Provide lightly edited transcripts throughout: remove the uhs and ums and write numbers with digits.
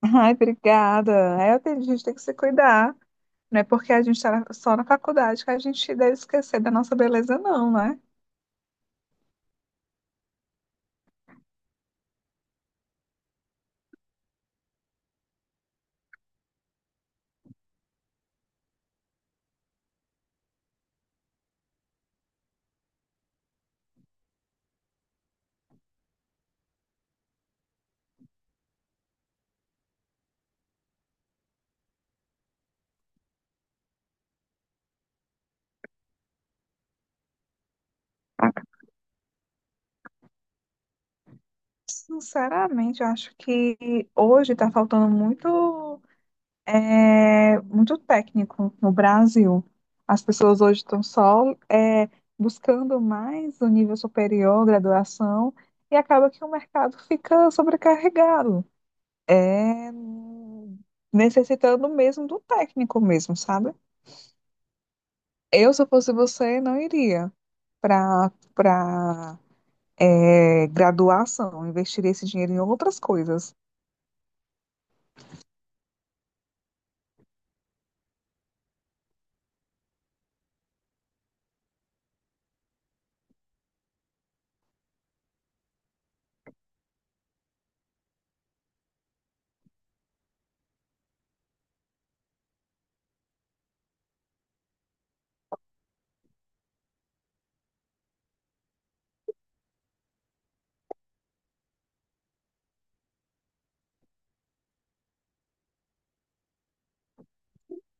Ai, obrigada. A gente tem que se cuidar. Não é porque a gente está só na faculdade que a gente deve esquecer da nossa beleza, não, né? Sinceramente, eu acho que hoje está faltando muito, muito técnico no Brasil. As pessoas hoje estão só, buscando mais o nível superior, graduação, e acaba que o mercado fica sobrecarregado. É, necessitando mesmo do técnico mesmo, sabe? Eu, se eu fosse você, não iria para graduação, investiria esse dinheiro em outras coisas.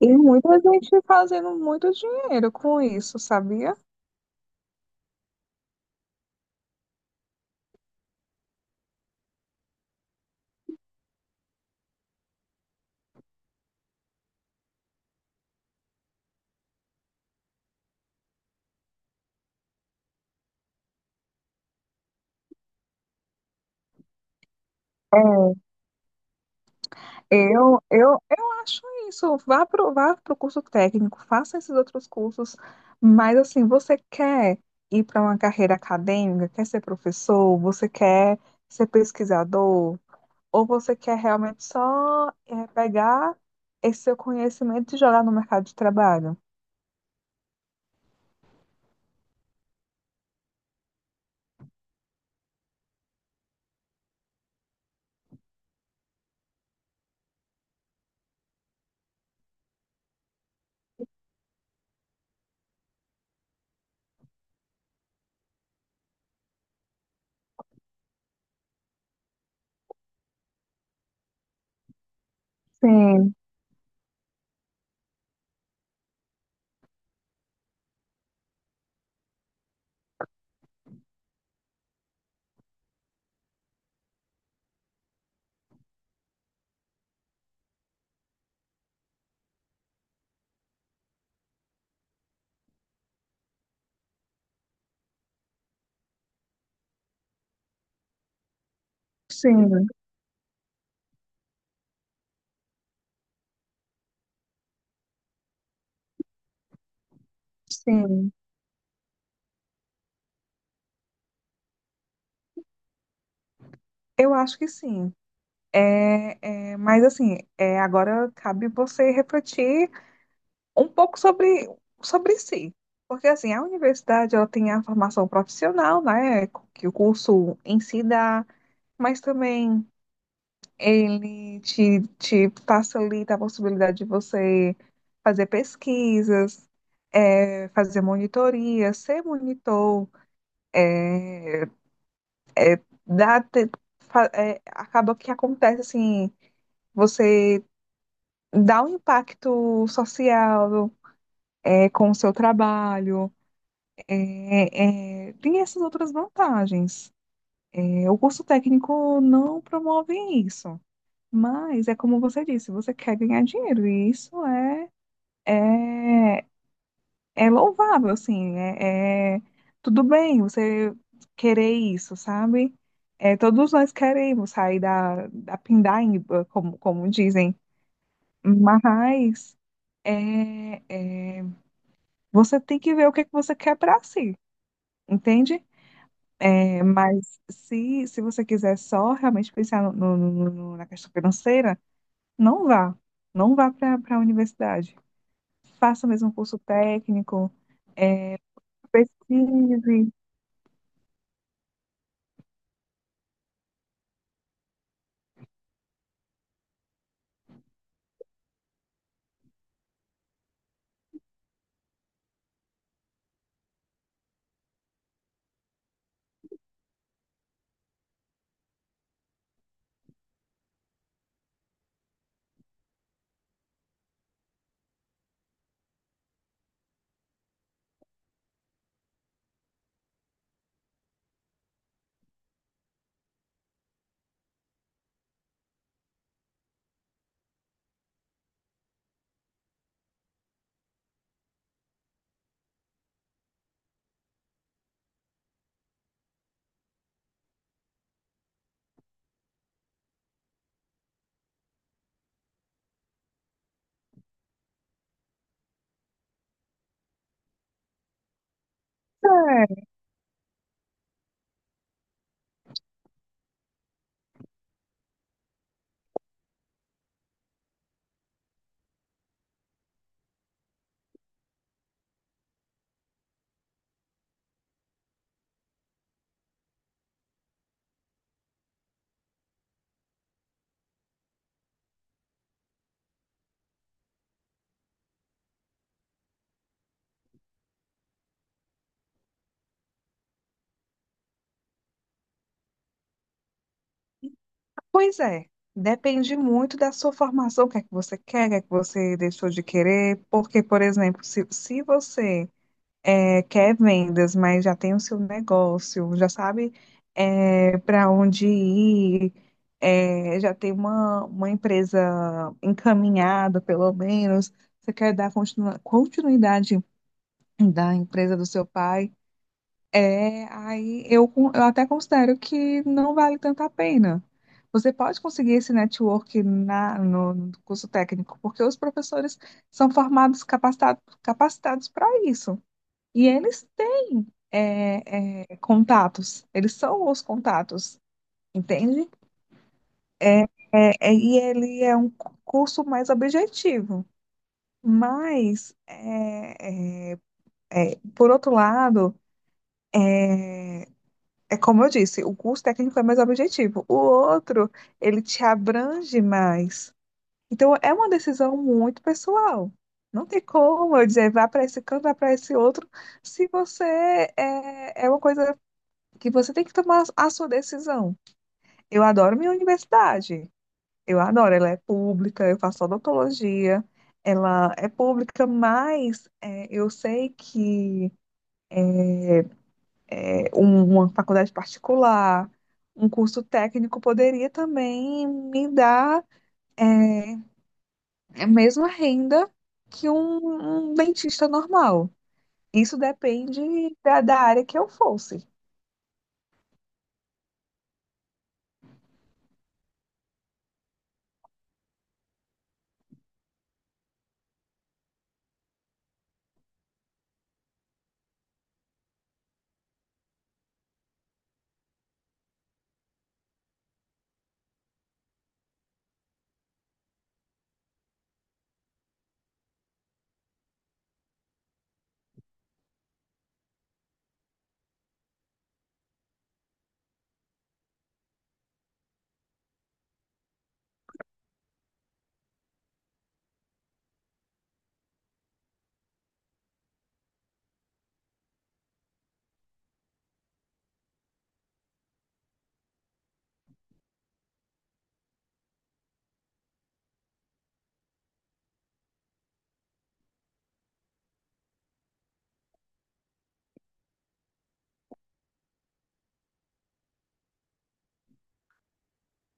E muita gente fazendo muito dinheiro com isso, sabia? É. Eu acho isso. Vá pro curso técnico, faça esses outros cursos, mas assim, você quer ir para uma carreira acadêmica, quer ser professor, você quer ser pesquisador, ou você quer realmente só pegar esse seu conhecimento e jogar no mercado de trabalho? Sim, sim, sim. Eu acho que sim. Mas assim, é, agora cabe você refletir um pouco sobre si. Porque assim, a universidade, ela tem a formação profissional, né, que o curso em si dá, mas também ele te facilita a possibilidade de você fazer pesquisas, fazer monitoria, ser monitor, é, dá, te- fa- eh, acaba que acontece assim, você dá um impacto social, com o seu trabalho, tem essas outras vantagens. O curso técnico não promove isso, mas é como você disse, você quer ganhar dinheiro, e isso é. É, é louvável, assim, tudo bem você querer isso, sabe? É, todos nós queremos sair da pindaíba, como, como dizem, mas é, você tem que ver o que é que você quer para si, entende? É, mas se você quiser só realmente pensar na questão financeira, não vá, não vá para a universidade. Faça mesmo um curso técnico, pesquise, é. Pois é, depende muito da sua formação, o que é que você quer, o que é que você deixou de querer, porque, por exemplo, se você quer vendas, mas já tem o seu negócio, já sabe para onde ir, eh, já tem uma empresa encaminhada, pelo menos, você quer dar continuidade da empresa do seu pai, é, aí eu, eu até considero que não vale tanto a pena. Você pode conseguir esse network na, no, no curso técnico, porque os professores são formados, capacitados, capacitados para isso. E eles têm contatos, eles são os contatos, entende? É, é, e ele é um curso mais objetivo. Mas, por outro lado. É como eu disse, o curso técnico é mais objetivo. O outro, ele te abrange mais. Então, é uma decisão muito pessoal. Não tem como eu dizer, vá para esse canto, vá para esse outro, se você é, é uma coisa que você tem que tomar a sua decisão. Eu adoro minha universidade. Eu adoro, ela é pública, eu faço odontologia, ela é pública, mas é, eu sei que uma faculdade particular, um curso técnico poderia também me dar é, a mesma renda que um dentista normal. Isso depende da área que eu fosse.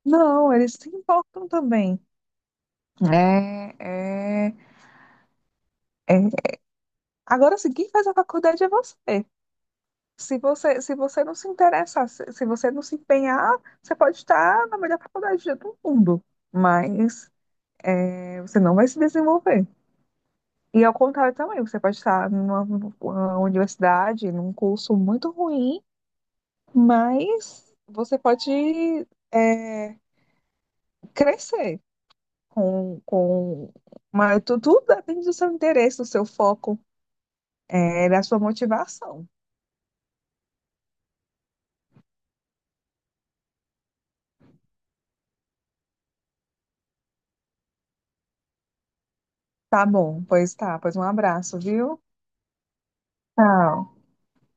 Não, eles se importam também. É, é, é. Agora, sim, quem faz a faculdade é você. Se você, se você não se interessar, se você não se empenhar, você pode estar na melhor faculdade do mundo, mas é, você não vai se desenvolver. E ao contrário também, você pode estar numa uma universidade, num curso muito ruim, mas você pode é, crescer com mas tudo depende do seu interesse, do seu foco, é, da sua motivação. Tá bom, pois tá, pois um abraço, viu? Tchau.